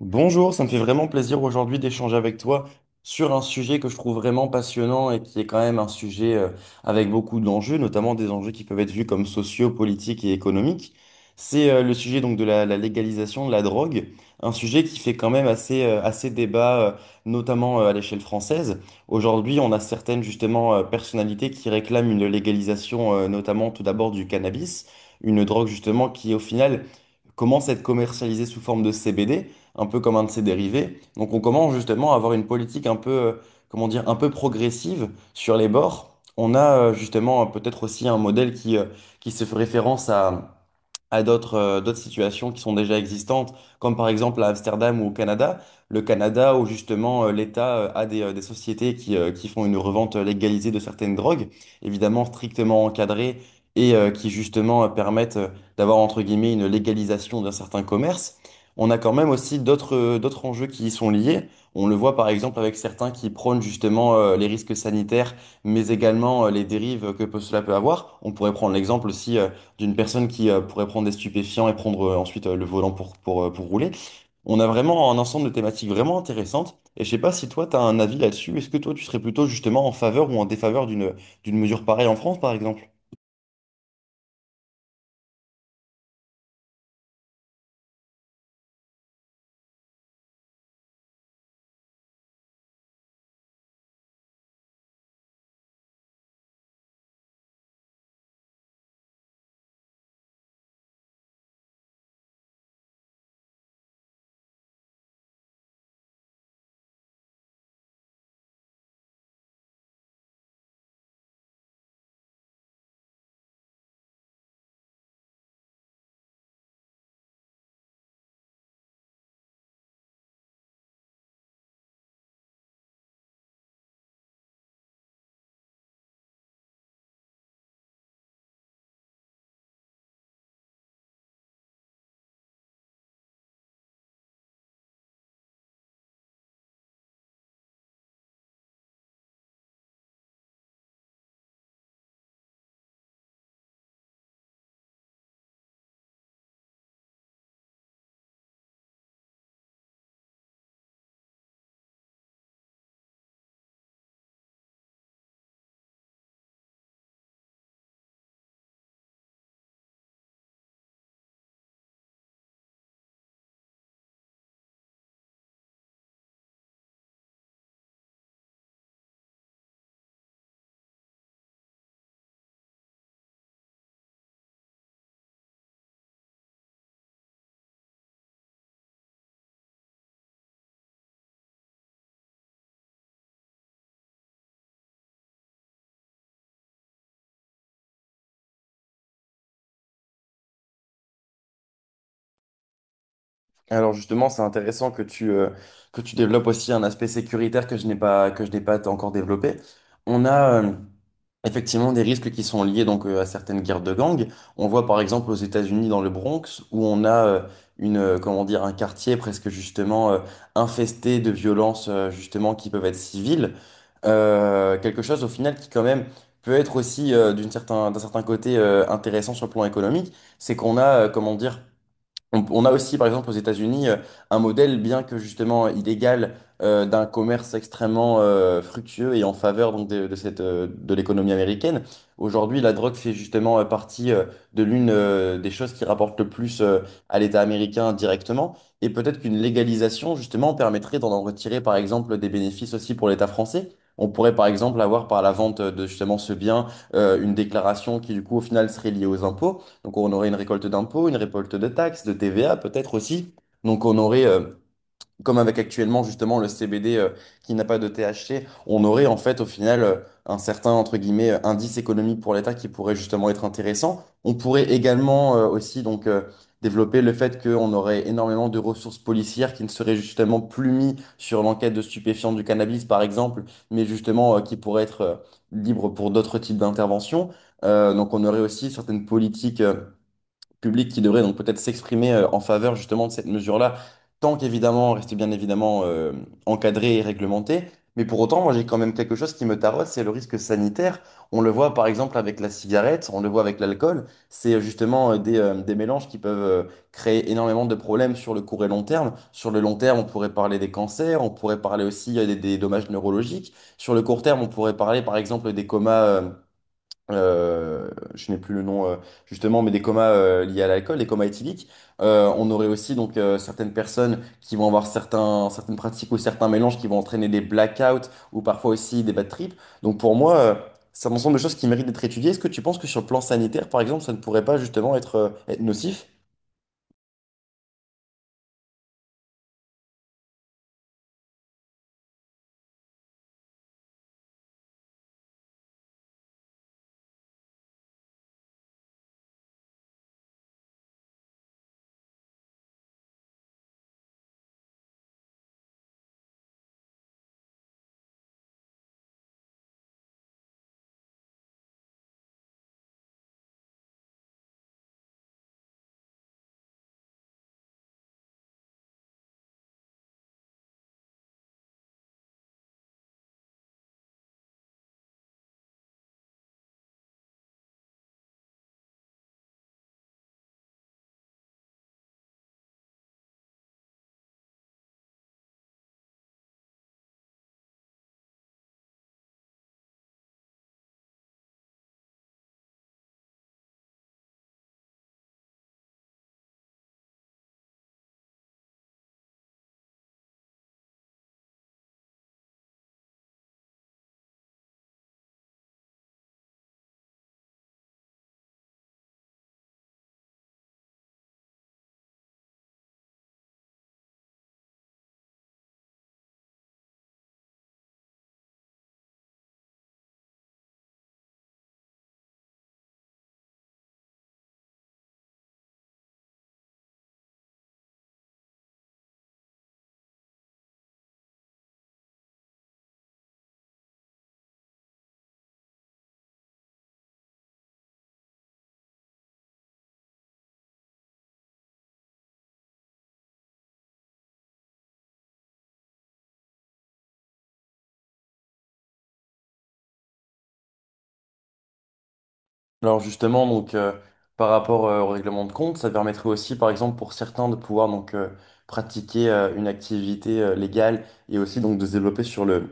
Bonjour, ça me fait vraiment plaisir aujourd'hui d'échanger avec toi sur un sujet que je trouve vraiment passionnant et qui est quand même un sujet avec beaucoup d'enjeux, notamment des enjeux qui peuvent être vus comme sociaux, politiques et économiques. C'est le sujet donc de la légalisation de la drogue, un sujet qui fait quand même assez, assez débat, notamment à l'échelle française. Aujourd'hui, on a certaines justement personnalités qui réclament une légalisation, notamment tout d'abord du cannabis, une drogue justement qui au final commence à être commercialisée sous forme de CBD un peu comme un de ses dérivés. Donc on commence justement à avoir une politique un peu, comment dire, un peu progressive sur les bords. On a justement peut-être aussi un modèle qui se fait référence à d'autres d'autres situations qui sont déjà existantes, comme par exemple à Amsterdam ou au Canada. Le Canada, où justement l'État a des sociétés qui font une revente légalisée de certaines drogues, évidemment strictement encadrées, et qui justement permettent d'avoir entre guillemets une légalisation d'un certain commerce. On a quand même aussi d'autres enjeux qui y sont liés. On le voit par exemple avec certains qui prônent justement les risques sanitaires, mais également les dérives que cela peut avoir. On pourrait prendre l'exemple aussi d'une personne qui pourrait prendre des stupéfiants et prendre ensuite le volant pour rouler. On a vraiment un ensemble de thématiques vraiment intéressantes. Et je sais pas si toi, tu as un avis là-dessus. Est-ce que toi, tu serais plutôt justement en faveur ou en défaveur d'une d'une mesure pareille en France, par exemple? Alors justement, c'est intéressant que que tu développes aussi un aspect sécuritaire que je n'ai pas encore développé. On a effectivement des risques qui sont liés donc à certaines guerres de gangs. On voit par exemple aux États-Unis dans le Bronx où on a une comment dire un quartier presque justement infesté de violences justement qui peuvent être civiles. Quelque chose au final qui quand même peut être aussi d'un certain côté intéressant sur le plan économique, c'est qu'on a comment dire on a aussi, par exemple, aux États-Unis, un modèle, bien que justement illégal, d'un commerce extrêmement fructueux et en faveur donc, de cette, de l'économie américaine. Aujourd'hui, la drogue fait justement partie de l'une des choses qui rapportent le plus à l'État américain directement. Et peut-être qu'une légalisation, justement, permettrait d'en retirer, par exemple, des bénéfices aussi pour l'État français. On pourrait, par exemple, avoir par la vente de justement ce bien une déclaration qui, du coup, au final, serait liée aux impôts. Donc on aurait une récolte d'impôts, une récolte de taxes, de TVA peut-être aussi. Donc on aurait, comme avec actuellement justement le CBD qui n'a pas de THC, on aurait en fait au final un certain entre guillemets indice économique pour l'État qui pourrait justement être intéressant. On pourrait également aussi donc développer le fait qu'on aurait énormément de ressources policières qui ne seraient justement plus mises sur l'enquête de stupéfiants du cannabis par exemple, mais justement qui pourraient être libres pour d'autres types d'interventions. Donc on aurait aussi certaines politiques. Public qui devrait donc peut-être s'exprimer en faveur justement de cette mesure-là, tant qu'évidemment, reste bien évidemment encadré et réglementé. Mais pour autant, moi j'ai quand même quelque chose qui me taraude, c'est le risque sanitaire. On le voit par exemple avec la cigarette, on le voit avec l'alcool. C'est justement des mélanges qui peuvent créer énormément de problèmes sur le court et long terme. Sur le long terme, on pourrait parler des cancers, on pourrait parler aussi des dommages neurologiques. Sur le court terme, on pourrait parler par exemple des comas. Euh, je n'ai plus le nom justement, mais des comas liés à l'alcool, des comas éthyliques. On aurait aussi donc certaines personnes qui vont avoir certaines pratiques ou certains mélanges qui vont entraîner des blackouts ou parfois aussi des bad trips. Donc pour moi, c'est un ensemble de choses qui méritent d'être étudiées. Est-ce que tu penses que sur le plan sanitaire, par exemple, ça ne pourrait pas justement être nocif? Alors justement, donc par rapport au règlement de compte, ça permettrait aussi, par exemple, pour certains de pouvoir donc pratiquer une activité légale et aussi donc de se développer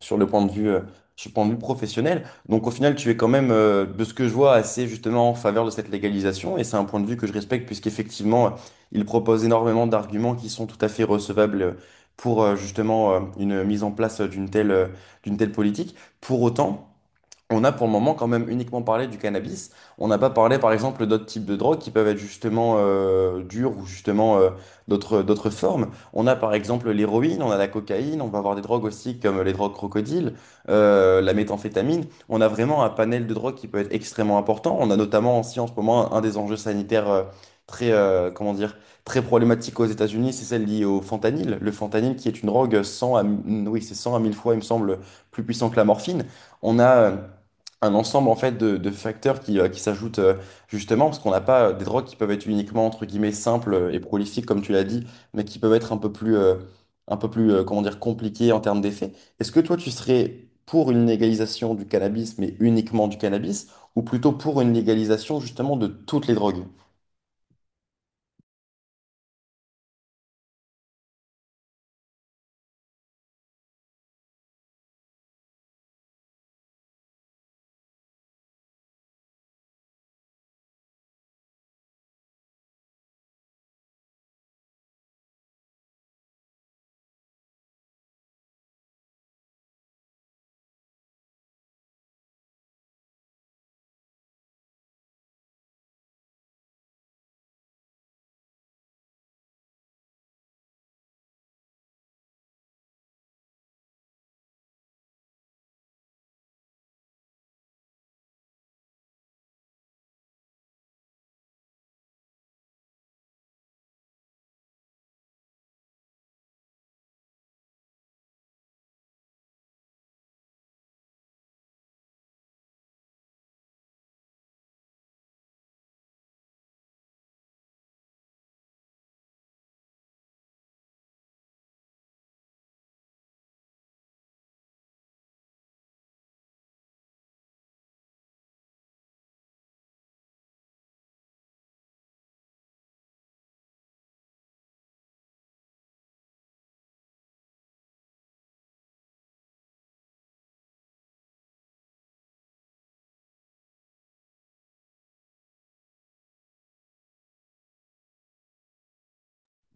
sur le point de sur le point de vue professionnel. Donc au final, tu es quand même, de ce que je vois, assez justement en faveur de cette légalisation. Et c'est un point de vue que je respecte puisqu'effectivement, il propose énormément d'arguments qui sont tout à fait recevables pour justement une mise en place d'une telle politique. Pour autant... on a pour le moment quand même uniquement parlé du cannabis. On n'a pas parlé par exemple d'autres types de drogues qui peuvent être justement dures ou justement d'autres formes. On a par exemple l'héroïne, on a la cocaïne, on va avoir des drogues aussi comme les drogues crocodiles, la méthamphétamine. On a vraiment un panel de drogues qui peut être extrêmement important. On a notamment aussi en ce moment un des enjeux sanitaires très comment dire très problématique aux États-Unis, c'est celle liée au fentanyl. Le fentanyl qui est une drogue c'est 100 à 1000 fois il me semble plus puissant que la morphine. On a un ensemble en fait de facteurs qui s'ajoutent justement parce qu'on n'a pas des drogues qui peuvent être uniquement entre guillemets simples et prolifiques comme tu l'as dit, mais qui peuvent être un peu plus comment dire compliquées en termes d'effets. Est-ce que toi tu serais pour une légalisation du cannabis mais uniquement du cannabis ou plutôt pour une légalisation justement de toutes les drogues?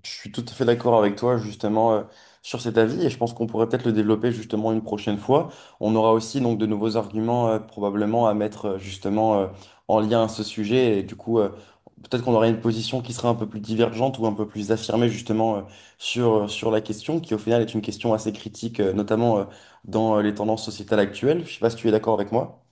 Je suis tout à fait d'accord avec toi justement sur cet avis et je pense qu'on pourrait peut-être le développer justement une prochaine fois. On aura aussi donc de nouveaux arguments probablement à mettre justement en lien à ce sujet et du coup peut-être qu'on aura une position qui sera un peu plus divergente ou un peu plus affirmée justement sur, sur la question qui au final est une question assez critique notamment dans les tendances sociétales actuelles. Je sais pas si tu es d'accord avec moi.